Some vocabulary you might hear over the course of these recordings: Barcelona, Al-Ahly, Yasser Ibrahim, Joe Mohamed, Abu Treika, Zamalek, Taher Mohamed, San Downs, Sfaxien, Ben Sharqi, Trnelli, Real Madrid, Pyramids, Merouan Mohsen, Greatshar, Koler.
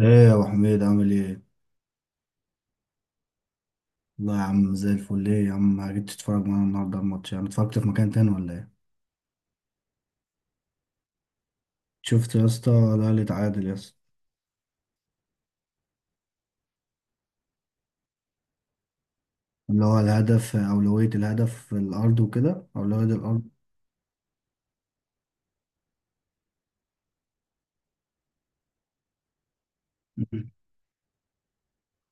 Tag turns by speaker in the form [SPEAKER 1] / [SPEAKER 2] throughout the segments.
[SPEAKER 1] ايه يا ابو حميد عامل ايه؟ والله يا عم زي الفل، ايه يا عم ما جيت تتفرج معانا النهارده على الماتش؟ يعني اتفرجت في مكان تاني ولا ايه؟ شفت يا اسطى الاهلي اتعادل يا اسطى. اللي هو الهدف اولوية الهدف في الارض وكده اولوية الارض. مم.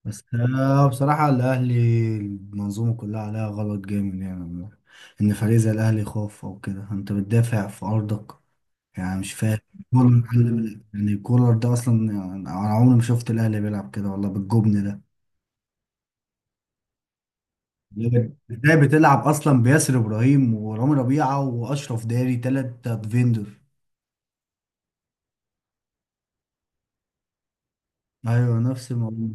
[SPEAKER 1] بس بصراحة الاهلي المنظومة كلها عليها غلط جامد يعني. ان فريق زي الاهلي يخاف او كده، انت بتدافع في ارضك يعني، مش فاهم. كولر ده اصلا، يعني انا عمري ما شفت الاهلي بيلعب كده والله بالجبن ده. ازاي بتلعب اصلا بياسر ابراهيم ورامي ربيعه واشرف داري تلات ديفندر؟ ايوه نفس الموضوع.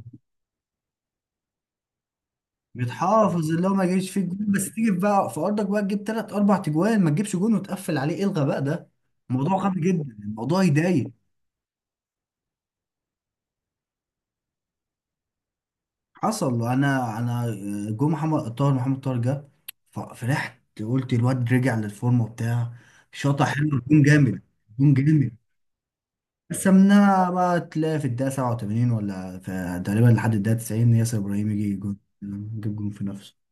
[SPEAKER 1] بتحافظ اللي هو ما يجيش فيك جون، بس تيجي بقى في ارضك بقى تجيب تلات اربع تجوان ما تجيبش جون وتقفل عليه، ايه الغباء ده؟ الموضوع غبي جدا، الموضوع يضايق. حصل. انا جو، محمد طاهر جه، ففرحت قلت الواد رجع للفورمه بتاع، شاطح حلو، جون جامد، جون جامد. قسمناها بقى تلاقي في الدقيقة 87 ولا في تقريبا لحد الدقيقة 90 ياسر إبراهيم يجي جون، يجيب جون في نفسه.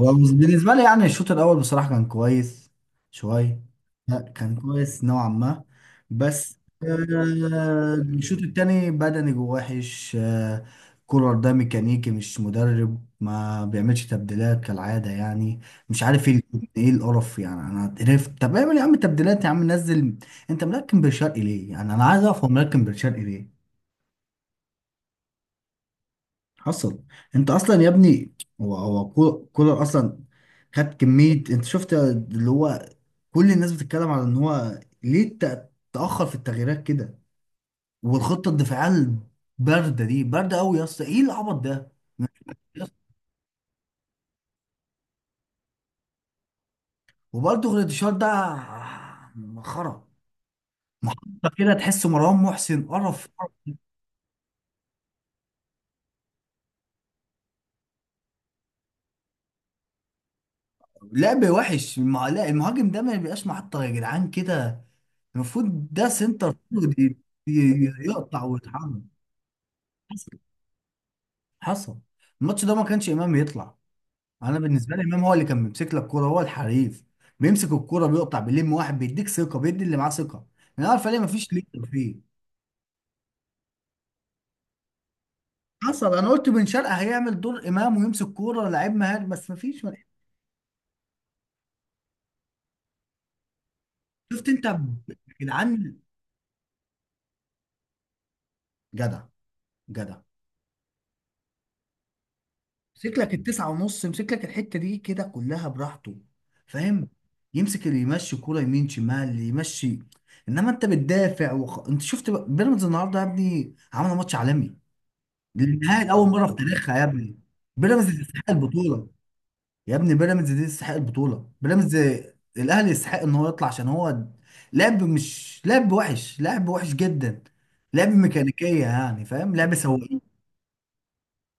[SPEAKER 1] بالنسبة لي يعني الشوط الأول بصراحة كان كويس شوية. لا كان كويس نوعا ما. بس الشوط التاني بدني جوه وحش كولر ده ميكانيكي مش مدرب، ما بيعملش تبديلات كالعادة يعني. مش عارف ايه القرف يعني، انا قرفت، طب اعمل يا عم تبديلات يا عم، نزل. انت ملكم بن شرقي ليه؟ يعني انا عايز افهم، ملكم بن شرقي ليه؟ حصل. انت اصلا يا ابني هو هو كولر كولر اصلا. خد كميه، انت شفت اللي هو، كل الناس بتتكلم على ان هو ليه تاخر في التغييرات كده، والخطه الدفاعيه البارده دي بارده قوي يا اسطى، ايه العبط ده؟ وبرده غريتشار ده مسخره. كده تحس مروان محسن قرف. لعب وحش لا، المهاجم ده ما بيبقاش محطه يا جدعان، كده المفروض ده سنتر. دي دي- يقطع ويتحرك. حصل. الماتش ده ما كانش امام يطلع، انا بالنسبه لي امام هو اللي كان بيمسك لك الكوره، هو الحريف، بيمسك الكوره بيقطع بيلم واحد، بيديك ثقه، بيدي اللي معاه ثقه. انا عارف ليه، ما فيش ليدر فيه. حصل. انا قلت بن شرقه هيعمل دور امام ويمسك كوره، لعيب مهاري، بس مفيش، ما فيش. شفت انت ب- يا جدعان، جدع جدع، يمسك لك التسعه ونص، يمسك لك الحته دي كده كلها براحته، فاهم؟ يمسك اللي يمشي كوره يمين شمال يمشي. انما انت بتدافع بيراميدز النهارده يا ابني عملوا ماتش عالمي، دي النهائي لاول مره في تاريخها يا ابني، بيراميدز تستحق البطوله، يا ابني بيراميدز دي تستحق البطوله، بيراميدز. الاهلي يستحق ان هو يطلع، عشان هو لعب، مش لعب وحش، لعب وحش جدا، لعب ميكانيكيه يعني فاهم، لعب سواقين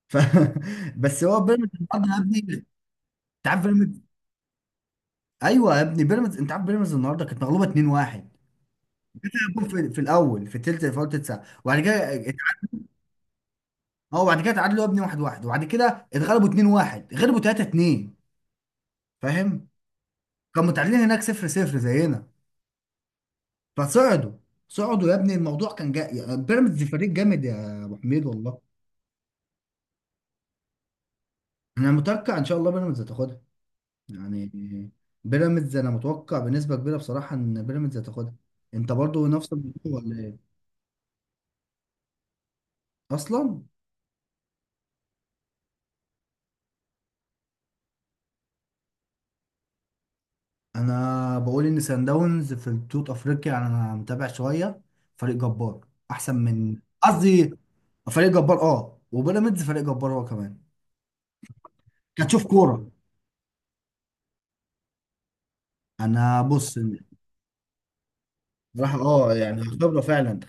[SPEAKER 1] ف... بس هو بيراميدز النهارده يا ابني. انت عارف بيراميدز، ايوه يا ابني بيراميدز، انت عارف بيراميدز النهارده كانت مغلوبه 2-1، جول في الاول، في الثلث، في اول تلت ساعه، وبعد كده اه وبعد كده اتعادلوا يا ابني 1-1، وبعد كده اتغلبوا 2-1، غلبوا 3-2، فاهم؟ كانوا متعادلين هناك 0-0 زينا فصعدوا. صعدوا يا ابني الموضوع كان جاي، يعني بيراميدز فريق جامد يا ابو حميد والله. انا متوقع ان شاء الله بيراميدز هتاخدها يعني. بيراميدز انا متوقع بنسبه كبيره بصراحه ان بيراميدز هتاخدها. انت برضو نفس الموضوع ولا ايه؟ اصلا انا بقول ان سان داونز في بطوله افريقيا يعني، انا متابع شويه، فريق جبار، احسن من قصدي فريق جبار، اه، وبيراميدز فريق جبار هو كمان. كتشوف كوره. انا بص، راح، اه يعني هختبره فعلا،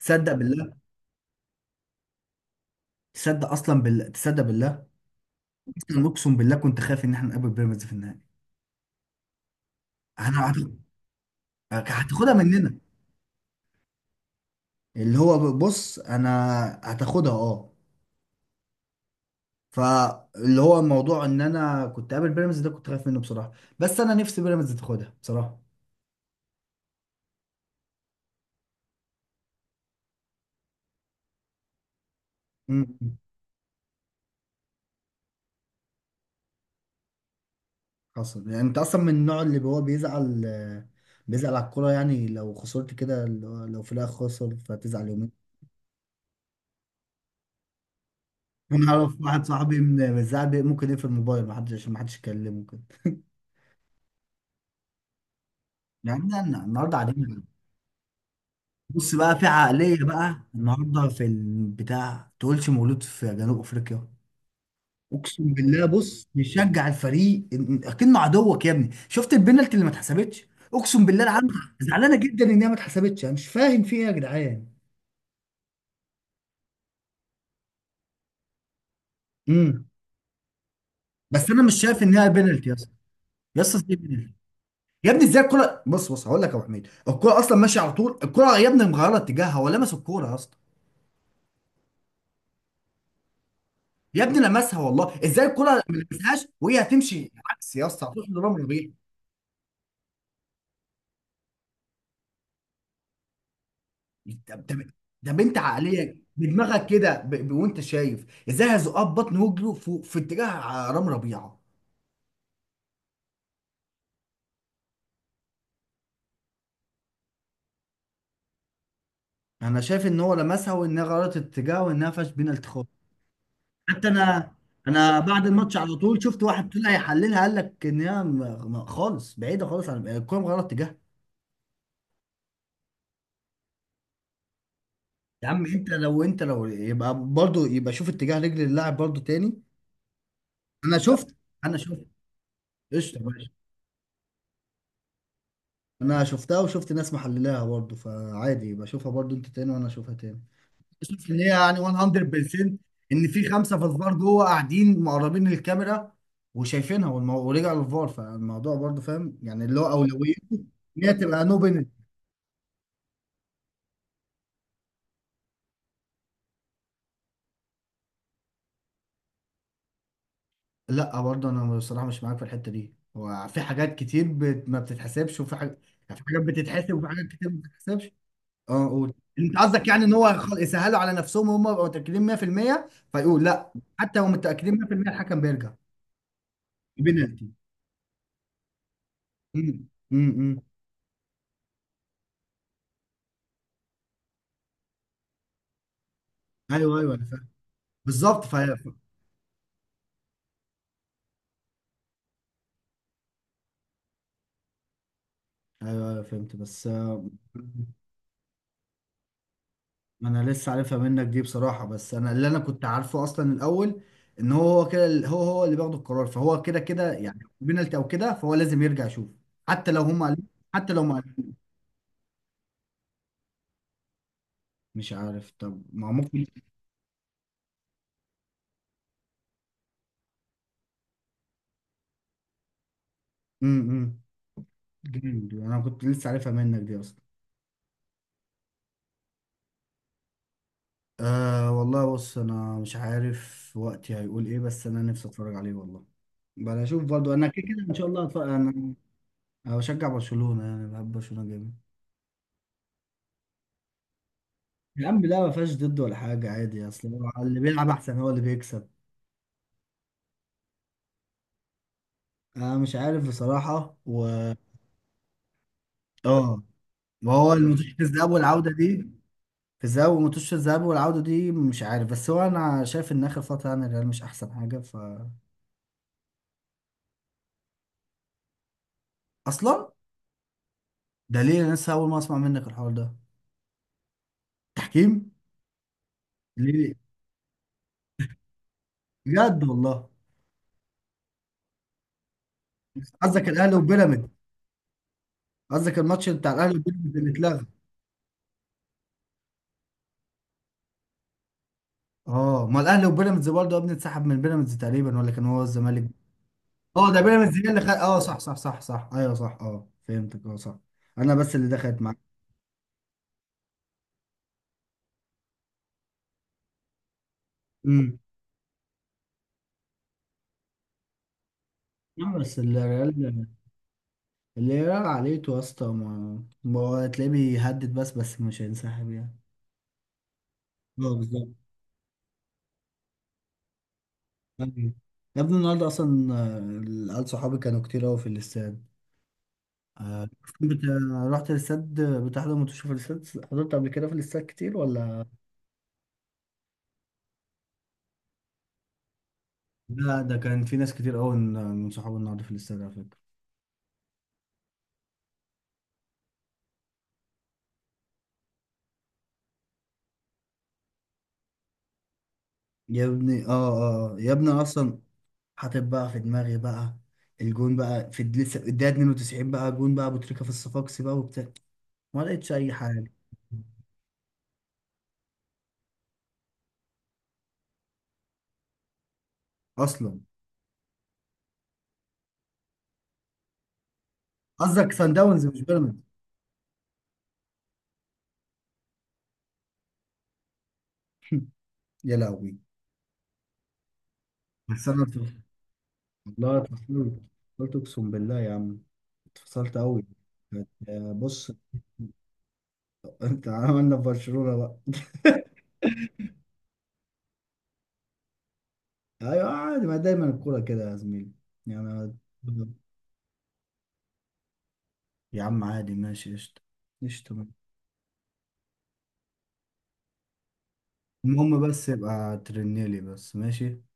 [SPEAKER 1] تصدق بالله؟ تصدق اصلا بالله؟ تصدق بالله؟ اصلا اقسم بالله كنت خايف ان احنا نقابل بيراميدز في النهائي. انا هت- هتاخدها مننا اللي هو، بص انا هتاخدها اه، فاللي هو الموضوع ان انا كنت قابل بيراميدز ده كنت خايف منه بصراحه، بس انا نفسي بيراميدز تاخدها بصراحه. امم. حصل يعني. انت اصلا من النوع اللي هو بيزعل، بيزعل على الكوره يعني، لو خسرت كده اللي هو لو في الاخر خسر فتزعل يومين. انا اعرف واحد صاحبي من الزعل ممكن يقفل الموبايل، ما حدش، عشان ما حدش يكلمه كده النهارده قاعدين. بص بقى في عقليه بقى النهارده، في البتاع تقولش مولود في جنوب افريقيا، اقسم بالله. بص بيشجع الفريق اكنه عدوك يا ابني، شفت البنالتي اللي ما اتحسبتش؟ اقسم بالله العالم زعلانه جدا ان هي ما اتحسبتش، انا مش فاهم في ايه يا جدعان. امم. بس انا مش شايف ان هي بنالتي يا اسطى، يا اسطى دي penalty. يا ابني ازاي الكرة، بص بص هقول لك يا ابو حميد، الكرة اصلا ماشية على طول، الكرة يا ابني مغيرة اتجاهها، هو لمس الكرة يا اسطى، يا ابني لمسها والله، ازاي الكرة ما لمسهاش وهي هتمشي عكس يا اسطى؟ هتروح لرامي ربيع. طب. طب انت عقلية بدماغك كده وانت شايف ازاي هيزقها ببطن وجره في اتجاه رامي ربيعة. انا شايف ان هو لمسها وانها غيرت اتجاه وانها فاش بينالتي خالص. حتى انا، انا بعد الماتش على طول شفت واحد طلع يحللها، قال لك ان هي خالص بعيده خالص عن الكوره مغيره اتجاهها. يا عم انت لو يبقى برضو، يبقى شوف اتجاه رجل اللاعب برضو تاني. انا شفت انا شفت. قشطه يا باشا. انا شفتها وشفت ناس محللاها برضو، فعادي يبقى شوفها برضو انت تاني وانا اشوفها تاني. شوف ان هي يعني 100%، ان في خمسه في الفار جوه قاعدين مقربين للكاميرا وشايفينها ورجع للفار، فالموضوع برضو فاهم يعني اللي هو اولويته ان هي تبقى نو بينالتي. لا برضو انا بصراحه مش معاك في الحته دي، هو في حاجات كتير ما بتتحسبش وفي حاجات يعني، في حاجات بتتحسب وفي حاجات كتير ما بتتحسبش. اه قول. انت قصدك يعني ان هو يسهلوا على نفسهم وهم يبقوا متاكدين 100% فيقول لا؟ حتى لو متاكدين 100% الحكم بيرجع. بنالتي. امم. ايوه ايوه، انا فاهم، بالظبط ايوه. ايوه فهمت، بس انا لسه عارفها منك دي بصراحه، بس انا اللي انا كنت عارفه اصلا الاول، ان هو كده هو اللي بياخد القرار، فهو كده كده يعني بينالتي او كده، فهو لازم يرجع يشوف حتى لو هم قالوا، حتى لو ما قالوا. مش عارف طب ما هو ممكن. امم. جامد، انا كنت لسه عارفها منك دي اصلا. أه والله، بص انا مش عارف وقتي هيقول ايه، بس انا نفسي اتفرج عليه والله، بقى اشوف برضو، انا كده كده ان شاء الله هتفرج انا. أنا بشجع برشلونة، يعني بحب برشلونة جامد. يا عم لا، ما فيهاش ضد ولا حاجة، عادي، اصل هو اللي بيلعب احسن هو اللي بيكسب. انا مش عارف بصراحة. و اه، ما هو الماتش في الذهاب والعودة دي، في الذهاب، وماتش الذهاب والعودة دي مش عارف، بس هو انا شايف ان اخر فترة يعني الريال مش احسن حاجة ف. اصلا ده ليه؟ انا لسه اول ما اسمع منك الحوار ده. تحكيم؟ ليه؟ بجد والله. قصدك الاهلي وبيراميدز؟ قصدك الماتش بتاع الاهلي وبيراميدز اللي اتلغى؟ اه ما الاهلي وبيراميدز برضه يا ابني اتسحب من بيراميدز تقريبا، ولا كان هو الزمالك؟ اه ده بيراميدز هي اللي خد، اه صح صح صح صح، ايوه صح، اه فهمتك، اه صح. انا بس اللي دخلت معاك. امم. نعم، بس الريال عليته يا اسطى، ما هو هتلاقيه بيهدد بس، بس مش هينسحب يعني. اه بالظبط. أيوة. يا ابني النهارده اصلا العيال صحابي كانوا كتير قوي في الاستاد آه، بت... رحت الاستاد؟ بتحضر ماتش في الاستاد؟ حضرت قبل كده في الاستاد كتير ولا؟ لا ده كان في ناس كتير قوي من صحابي النهارده في الاستاد على فكرة. يا ابني اه، اه يا ابني اصلا، حاطط بقى في دماغي بقى الجون بقى لسه الدقيقة 92 بقى جون بقى ابو تريكة في الصفاقسي بقى وبتاع، ما لقيتش اي حاجة. اصلا قصدك سان داونز مش بيراميدز؟ يا لهوي. بس انا اتف- والله اتفصلت، اتفصلت اقسم بالله يا عم، اتفصلت قوي. بص، انت عملنا في برشلونة بقى ايوه عادي، ما دايما الكورة كده يا زميلي يعني. يا عم عادي ماشي قشطة، قشطة. المهم بس يبقى ترنيلي بس، ماشي.